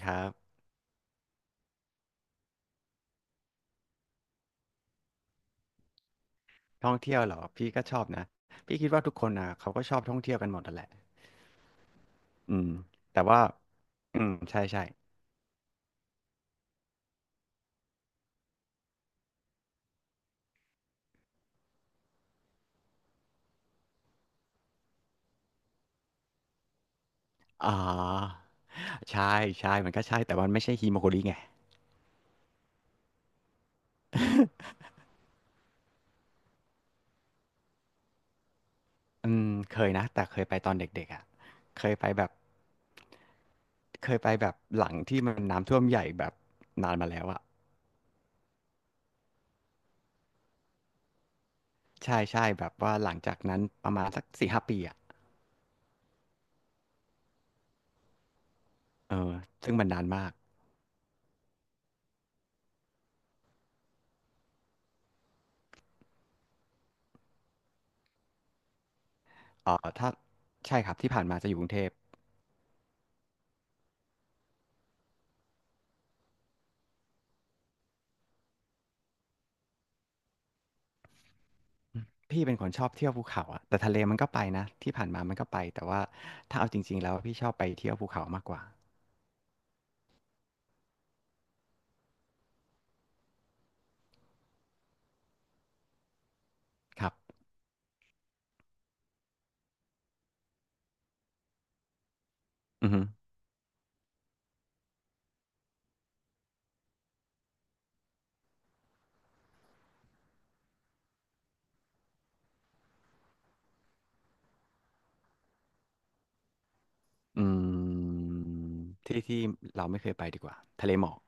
ครับท่องเที่ยวเหรอพี่ก็ชอบนะพี่คิดว่าทุกคนนะเขาก็ชอบท่องเที่ยวกันหมดนั่นแหละอืมแต่ว่าอืมใช่อ่าใช่ใช่มันก็ใช่แต่มันไม่ใช่ฮิโมโกริไง อืมเคยนะแต่เคยไปตอนเด็กๆอ่ะเคยไปแบบเคยไปแบบหลังที่มันน้ำท่วมใหญ่แบบนานมาแล้วอ่ะใช่แบบว่าหลังจากนั้นประมาณสักสี่ห้าปีอ่ะเออซึ่งมันนานมากเออถ้าใช่ครับที่ผ่านมาจะอยู่กรุงเทพ พี่เป็นคนชอบเที่ยวภูเขาอะแต่ทะเลมันก็ไปนะที่ผ่านมามันก็ไปแต่ว่าถ้าเอาจริงๆแล้วพี่ชอบไปเที่ยวภูเขามากกว่าครับอือฮึอืมที่ที่เราไม่เคยไปดีกว่าทะเลหมอก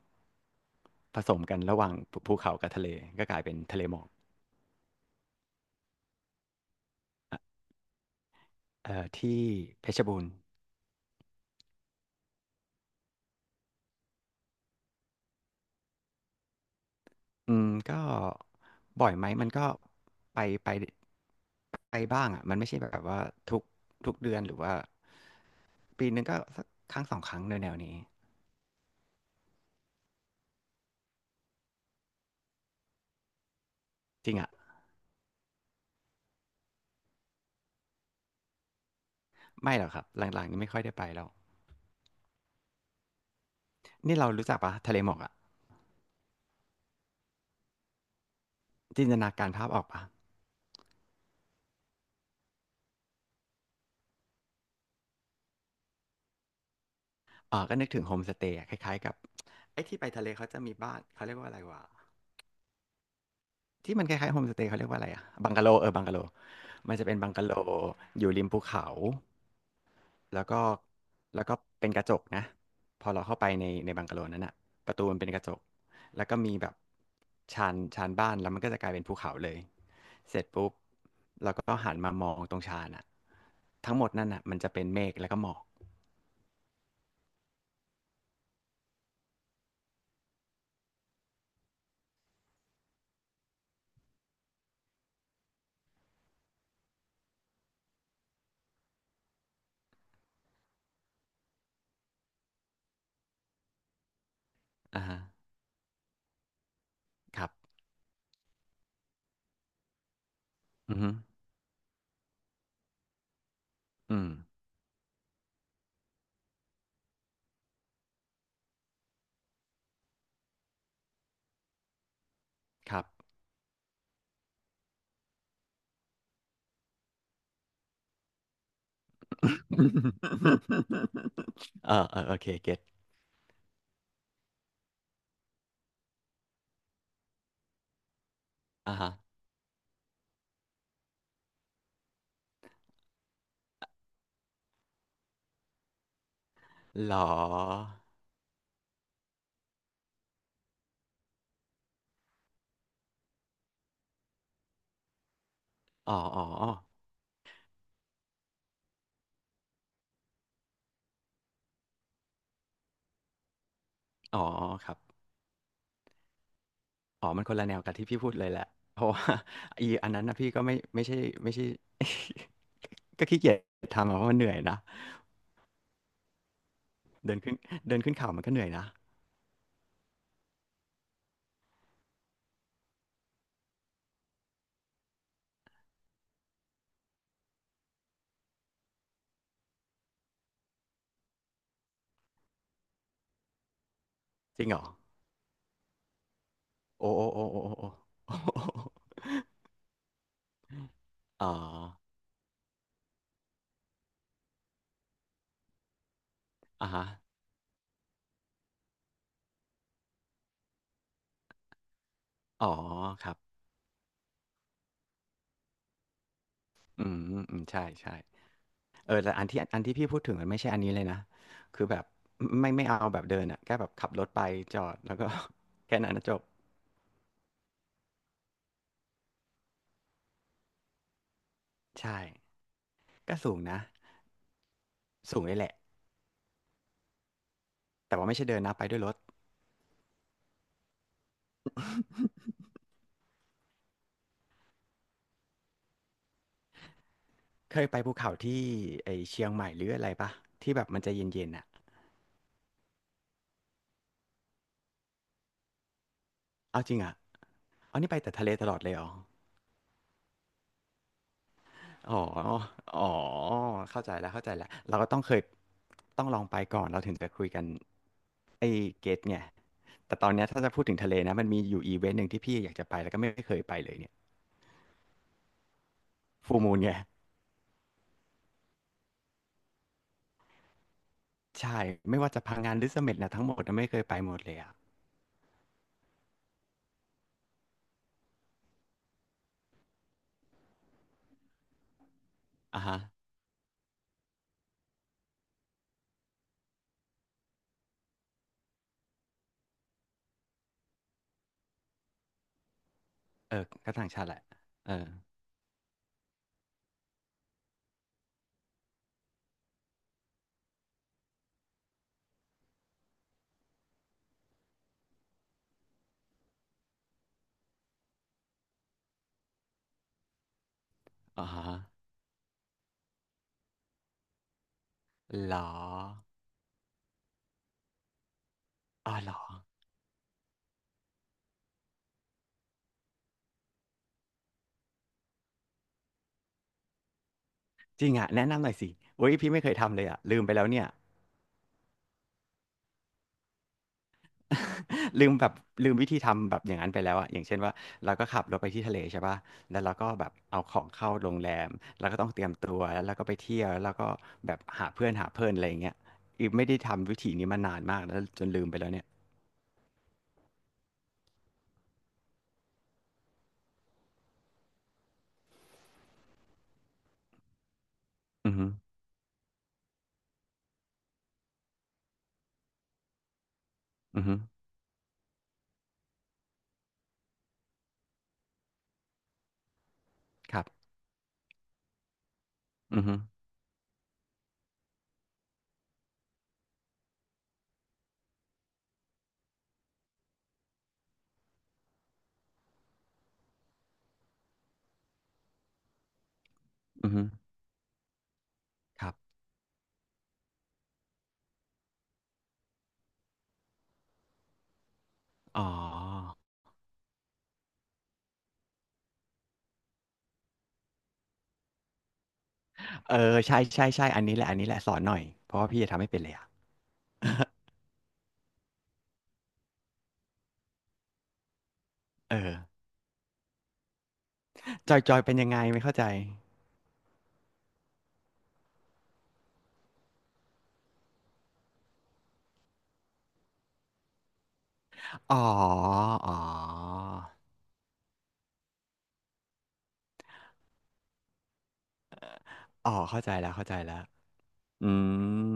ผสมกันระหว่างภูเขากับทะเลก็กลายเป็นทะเลหมอกที่เพชรบูรณ์อืมก็บ่อยไหมมันก็ไปไปไปบ้างอะมันไม่ใช่แบบว่าทุกทุกเดือนหรือว่าปีนึงก็สักครั้งสองครั้งในแนวๆนี้จริงอะ ไม่หรอกครับ หลังๆนี่ไม่ค่อยได้ไปแล้วนี่เรารู้จักปะทะเลหมอกอะจินตนาการภาพออกปะเอ๋อก็นึกถึงโฮมสเตย์อะคล้ายๆกับไอ้ที่ไปทะเลเขาจะมีบ้านเขาเรียกว่าอะไรวะที่มันคล้ายๆโฮมสเตย์เขาเรียกว่าอะไรอะบังกะโลเออบังกะโลมันจะเป็นบังกะโลอยู่ริมภูเขา แล้วก็แล้วก็เป็นกระจกนะพอเราเข้าไปในบังกะโลนั้นอะประตูมันเป็นกระจกแล้วก็มีแบบชานบ้านแล้วมันก็จะกลายเป็นภูเขาเลยเสร็จปุ๊บเราก็หันมามองตรงชานอะทั้งหมดนั่นอะมันจะเป็นเมฆแล้วก็หมอกอ่าฮะครับอือฮึอืมครับ เออโอเคเก็ตอ่าฮะหรออ๋ออ๋ออ๋อครับ อ๋อมันคนละแนวกับที่พี่พูดเลยแหละเพราะว่า อีอันนั้นนะพี่ก็ไม่ใช่ไม่ใช่ ก็ขี้เกียจทำอะเพราะมันเหนื่อยนะเดินขึ้นเดินขึ้นเขามันก็เหนื่อยนะจริงเหรอโอ้โอ้โอ้โอ้โอ้โอ้อ๋อ อ่ะฮะอ๋อครับอืมอืมใช่เออแต่อันที่พี่พูดถึงมันไม่ใช่อันนี้เลยนะคือแบบไม่เอาแบบเดินอ่ะแค่แบบขับรถไปจอดแล้วก็ แค่นั้นนะจบใช่ก็สูงนะสูงเลยแหละแต่ว่าไม่ใช่เดินนะไปด้วยรถ เคยไปภูเขาที่ไอเชียงใหม่หรืออะไรปะที่แบบมันจะเย็นๆอ่ะเอาจริงอ่ะเอานี่ไปแต่ทะเลตลอดเลยเหรออ๋ออ๋อเข้าใจแล้วเราก็ต้องเคยต้องลองไปก่อนเราถึงจะคุยกันไอเกตไงแต่ตอนเนี้ยถ้าจะพูดถึงทะเลนะมันมีอยู่อีเวนต์หนึ่งที่พี่อยากจะไปแล้วก็ไม่เคยไปเลยเนี่ยฟูมูนไงใช่ไม่ว่าจะพังงานหรือเสม็ดนะทั้งหมดนะไม่เคยไปหมดเลยอ่ะอ่ะฮะเออก็ต่างชาติแหละเอออ๋อฮะหรออ๋อหรอ จริงอ่ะแนะนำหน่อยสิโอ้ยพี่ไม่เคยทำเลยอ่ะลืมไปแล้วเนี่ย ลืมแบบลืมวิธีทำแบบอย่างนั้นไปแล้วอ่ะอย่างเช่นว่าเราก็ขับรถไปที่ทะเลใช่ป่ะแล้วเราก็แบบเอาของเข้าโรงแรมแล้วก็ต้องเตรียมตัวแล้วเราก็ไปเที่ยวแล้วเราก็แบบหาเพื่อนอะไรอย่างเงี้ยอีไม่ได้ทำวิธีนี้มานานมากแล้วจนลืมไปแล้วเนี่ยอือฮึอือฮึครับอือฮึอือฮึครับอ๋อเออใช่อันนี้แหละสอนหน่อยเพราะว่าพี่จะทำไม่เป็นเลยอ่ะ เออจอยเป็นยังไงไม่เข้าใจ อ๋ออ๋ออ๋อเข้าใจแล้วอืม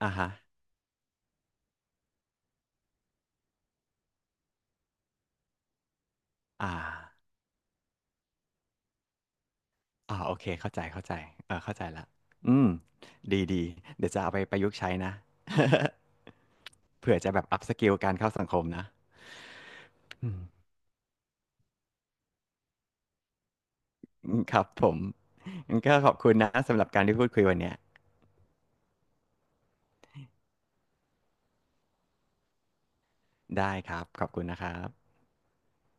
อ่าฮะอ่าอ่าโอเคเข้าใจเข้าใจเออเข้าใจละอืมดีดีเดี๋ยวจะเอาไปประยุกต์ใช้นะ เผื่อจะแบบอัพสกิลการเข้าสังคมนะอืมอืมครับผมงั้นก็ขอบคุณนะสำหรับการที่พูดคุยวันเนี้ยได้ครับขอบคุณนะครับ